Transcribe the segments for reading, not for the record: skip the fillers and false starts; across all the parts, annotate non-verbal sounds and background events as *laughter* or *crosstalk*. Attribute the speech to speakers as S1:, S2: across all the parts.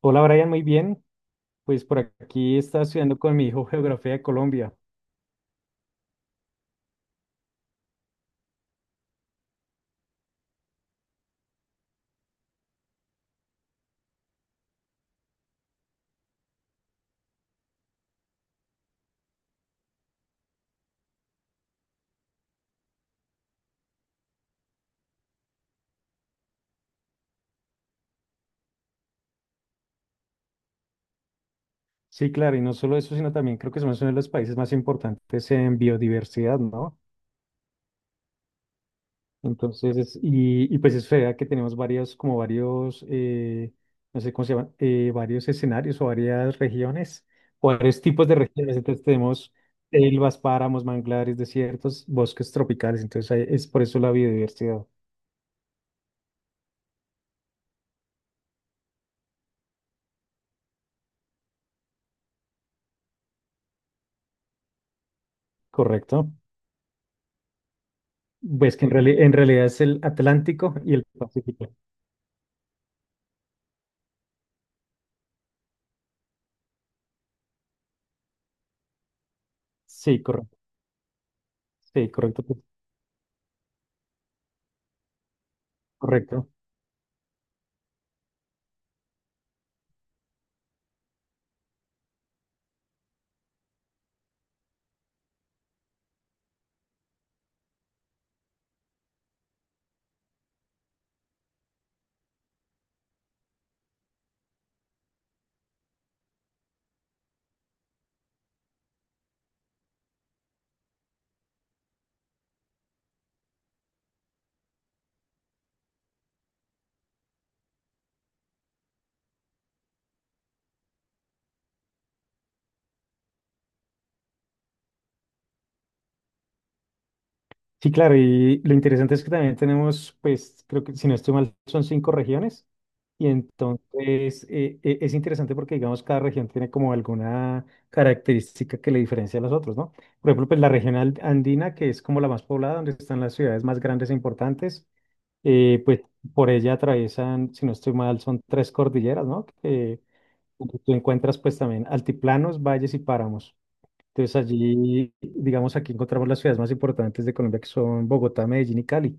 S1: Hola Brian, muy bien. Pues por aquí estaba estudiando con mi hijo geografía de Colombia. Sí, claro, y no solo eso, sino también creo que somos uno de los países más importantes en biodiversidad, ¿no? Entonces, y pues es verdad que tenemos varios, como varios, no sé cómo se llaman, varios escenarios o varias regiones, o varios tipos de regiones. Entonces tenemos selvas, páramos, manglares, desiertos, bosques tropicales. Entonces ahí es por eso la biodiversidad, ¿correcto? Pues que en realidad es el Atlántico y el Pacífico. Sí, correcto. Sí, correcto, pues, correcto. Sí, claro, y lo interesante es que también tenemos, pues, creo que si no estoy mal, son cinco regiones. Y entonces es interesante porque, digamos, cada región tiene como alguna característica que le diferencia a las otras, ¿no? Por ejemplo, pues la región andina, que es como la más poblada, donde están las ciudades más grandes e importantes, pues por ella atraviesan, si no estoy mal, son tres cordilleras, ¿no? Que, donde tú encuentras pues también altiplanos, valles y páramos. Entonces allí, digamos, aquí encontramos las ciudades más importantes de Colombia, que son Bogotá, Medellín y Cali.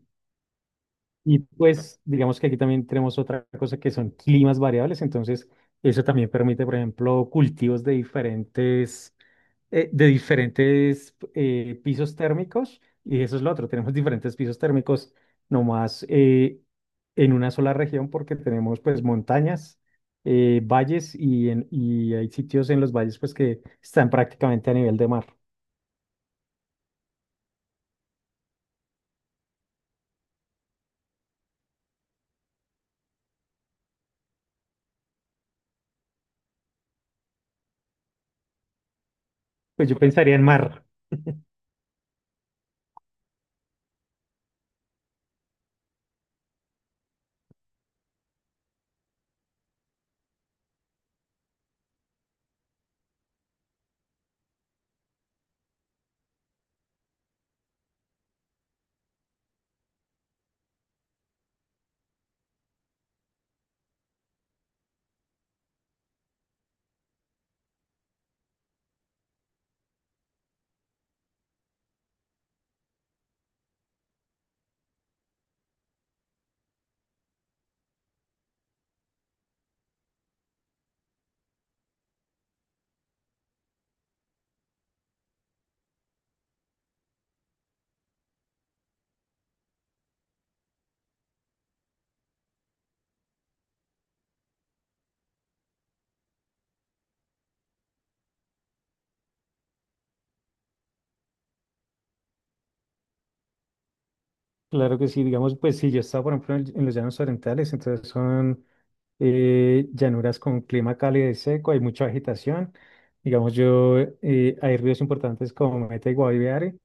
S1: Y pues, digamos que aquí también tenemos otra cosa que son climas variables. Entonces, eso también permite, por ejemplo, cultivos de diferentes pisos térmicos. Y eso es lo otro, tenemos *laughs* diferentes pisos térmicos nomás, en una sola región porque tenemos pues montañas, valles y hay sitios en los valles pues que están prácticamente a nivel de mar. Pues yo pensaría en mar, claro que sí, digamos, pues si yo estaba, por ejemplo, en los llanos orientales, entonces son llanuras con clima cálido y seco, hay mucha agitación. Digamos, hay ríos importantes como Meta y Guaviare.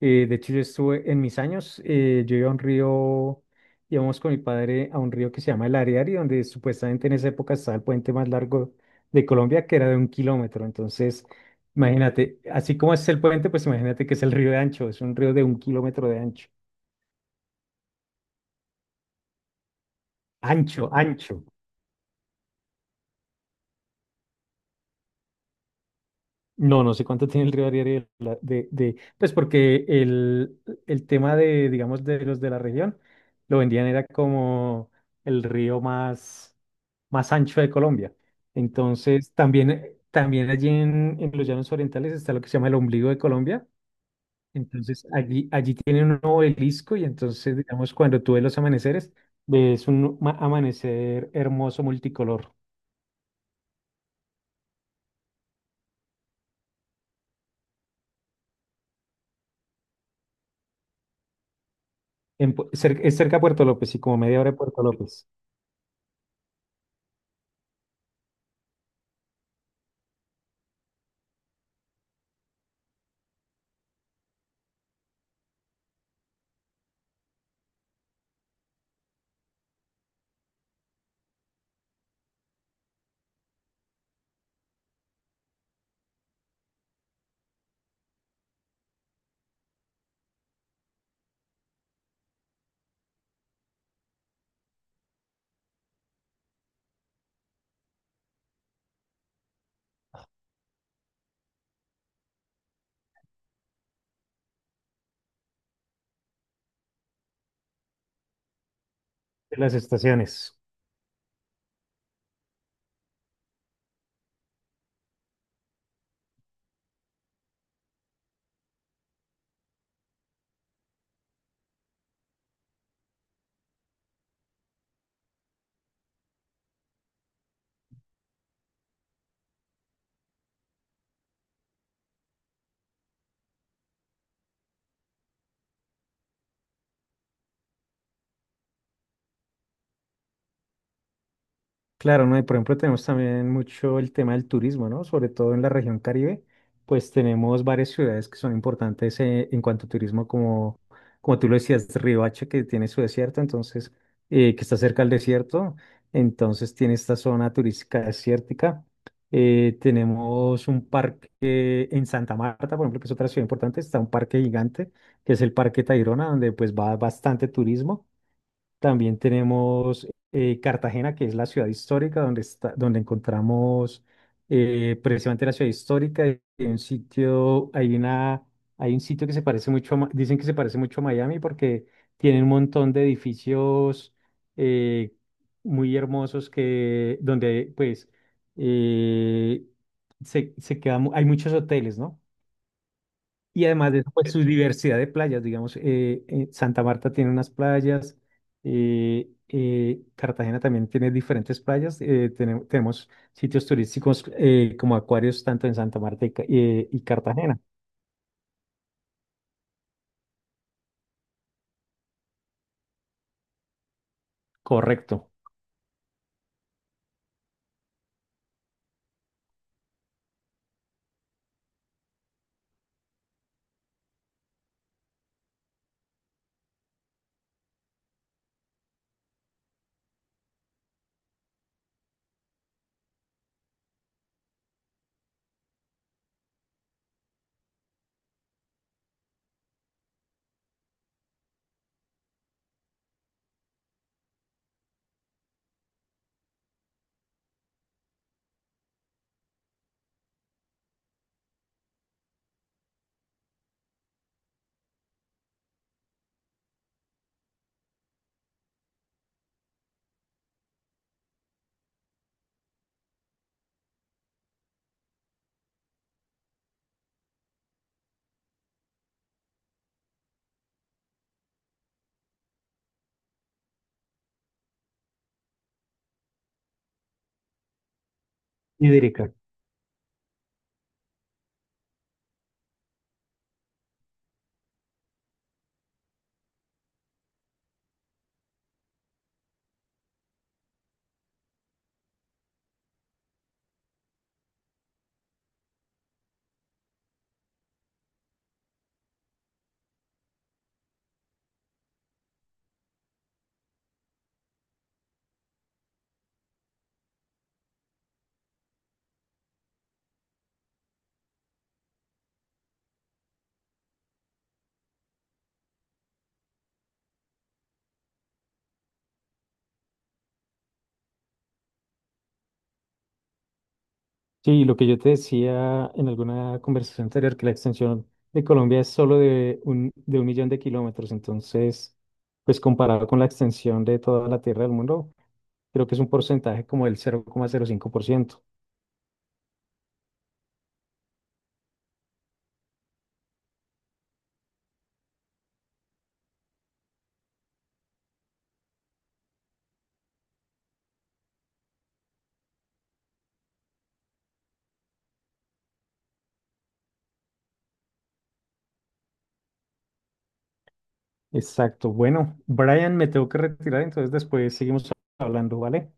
S1: De hecho, yo estuve en mis años, yo iba a un río, íbamos con mi padre a un río que se llama el Ariari, donde supuestamente en esa época estaba el puente más largo de Colombia, que era de 1 kilómetro. Entonces, imagínate, así como es el puente, pues imagínate que es el río de ancho, es un río de 1 kilómetro de ancho. Ancho, ancho. No, no sé cuánto tiene el Río Ariel de, pues porque el tema de, digamos, de los de la región, lo vendían era como el río más ancho de Colombia. Entonces, también allí en los llanos orientales está lo que se llama el ombligo de Colombia. Entonces, allí tienen un obelisco y entonces, digamos, cuando tú ves los amaneceres, ves un amanecer hermoso multicolor. Es cerca de Puerto López y como media hora de Puerto López. De las estaciones. Claro, ¿no? Y por ejemplo tenemos también mucho el tema del turismo, ¿no? Sobre todo en la región Caribe, pues tenemos varias ciudades que son importantes en cuanto a turismo, como tú lo decías, Riohacha, que tiene su desierto, entonces, que está cerca del desierto, entonces tiene esta zona turística desértica. Tenemos un parque en Santa Marta, por ejemplo, que es otra ciudad importante, está un parque gigante, que es el Parque Tayrona, donde pues va bastante turismo. También tenemos Cartagena, que es la ciudad histórica, donde está, donde encontramos precisamente la ciudad histórica. Y hay un sitio, hay un sitio que se parece mucho a, dicen que se parece mucho a Miami porque tiene un montón de edificios eh, muy hermosos que, donde pues eh, se queda hay muchos hoteles, ¿no? Y además de eso, pues su diversidad de playas, digamos, Santa Marta tiene unas playas, Cartagena también tiene diferentes playas, tenemos, sitios turísticos como acuarios tanto en Santa Marta y Cartagena, correcto, hídrica. Sí, lo que yo te decía en alguna conversación anterior, que la extensión de Colombia es solo de un, millón de kilómetros, entonces, pues comparado con la extensión de toda la tierra del mundo, creo que es un porcentaje como del 00,05%. Exacto. Bueno, Brian, me tengo que retirar, entonces después seguimos hablando, ¿vale?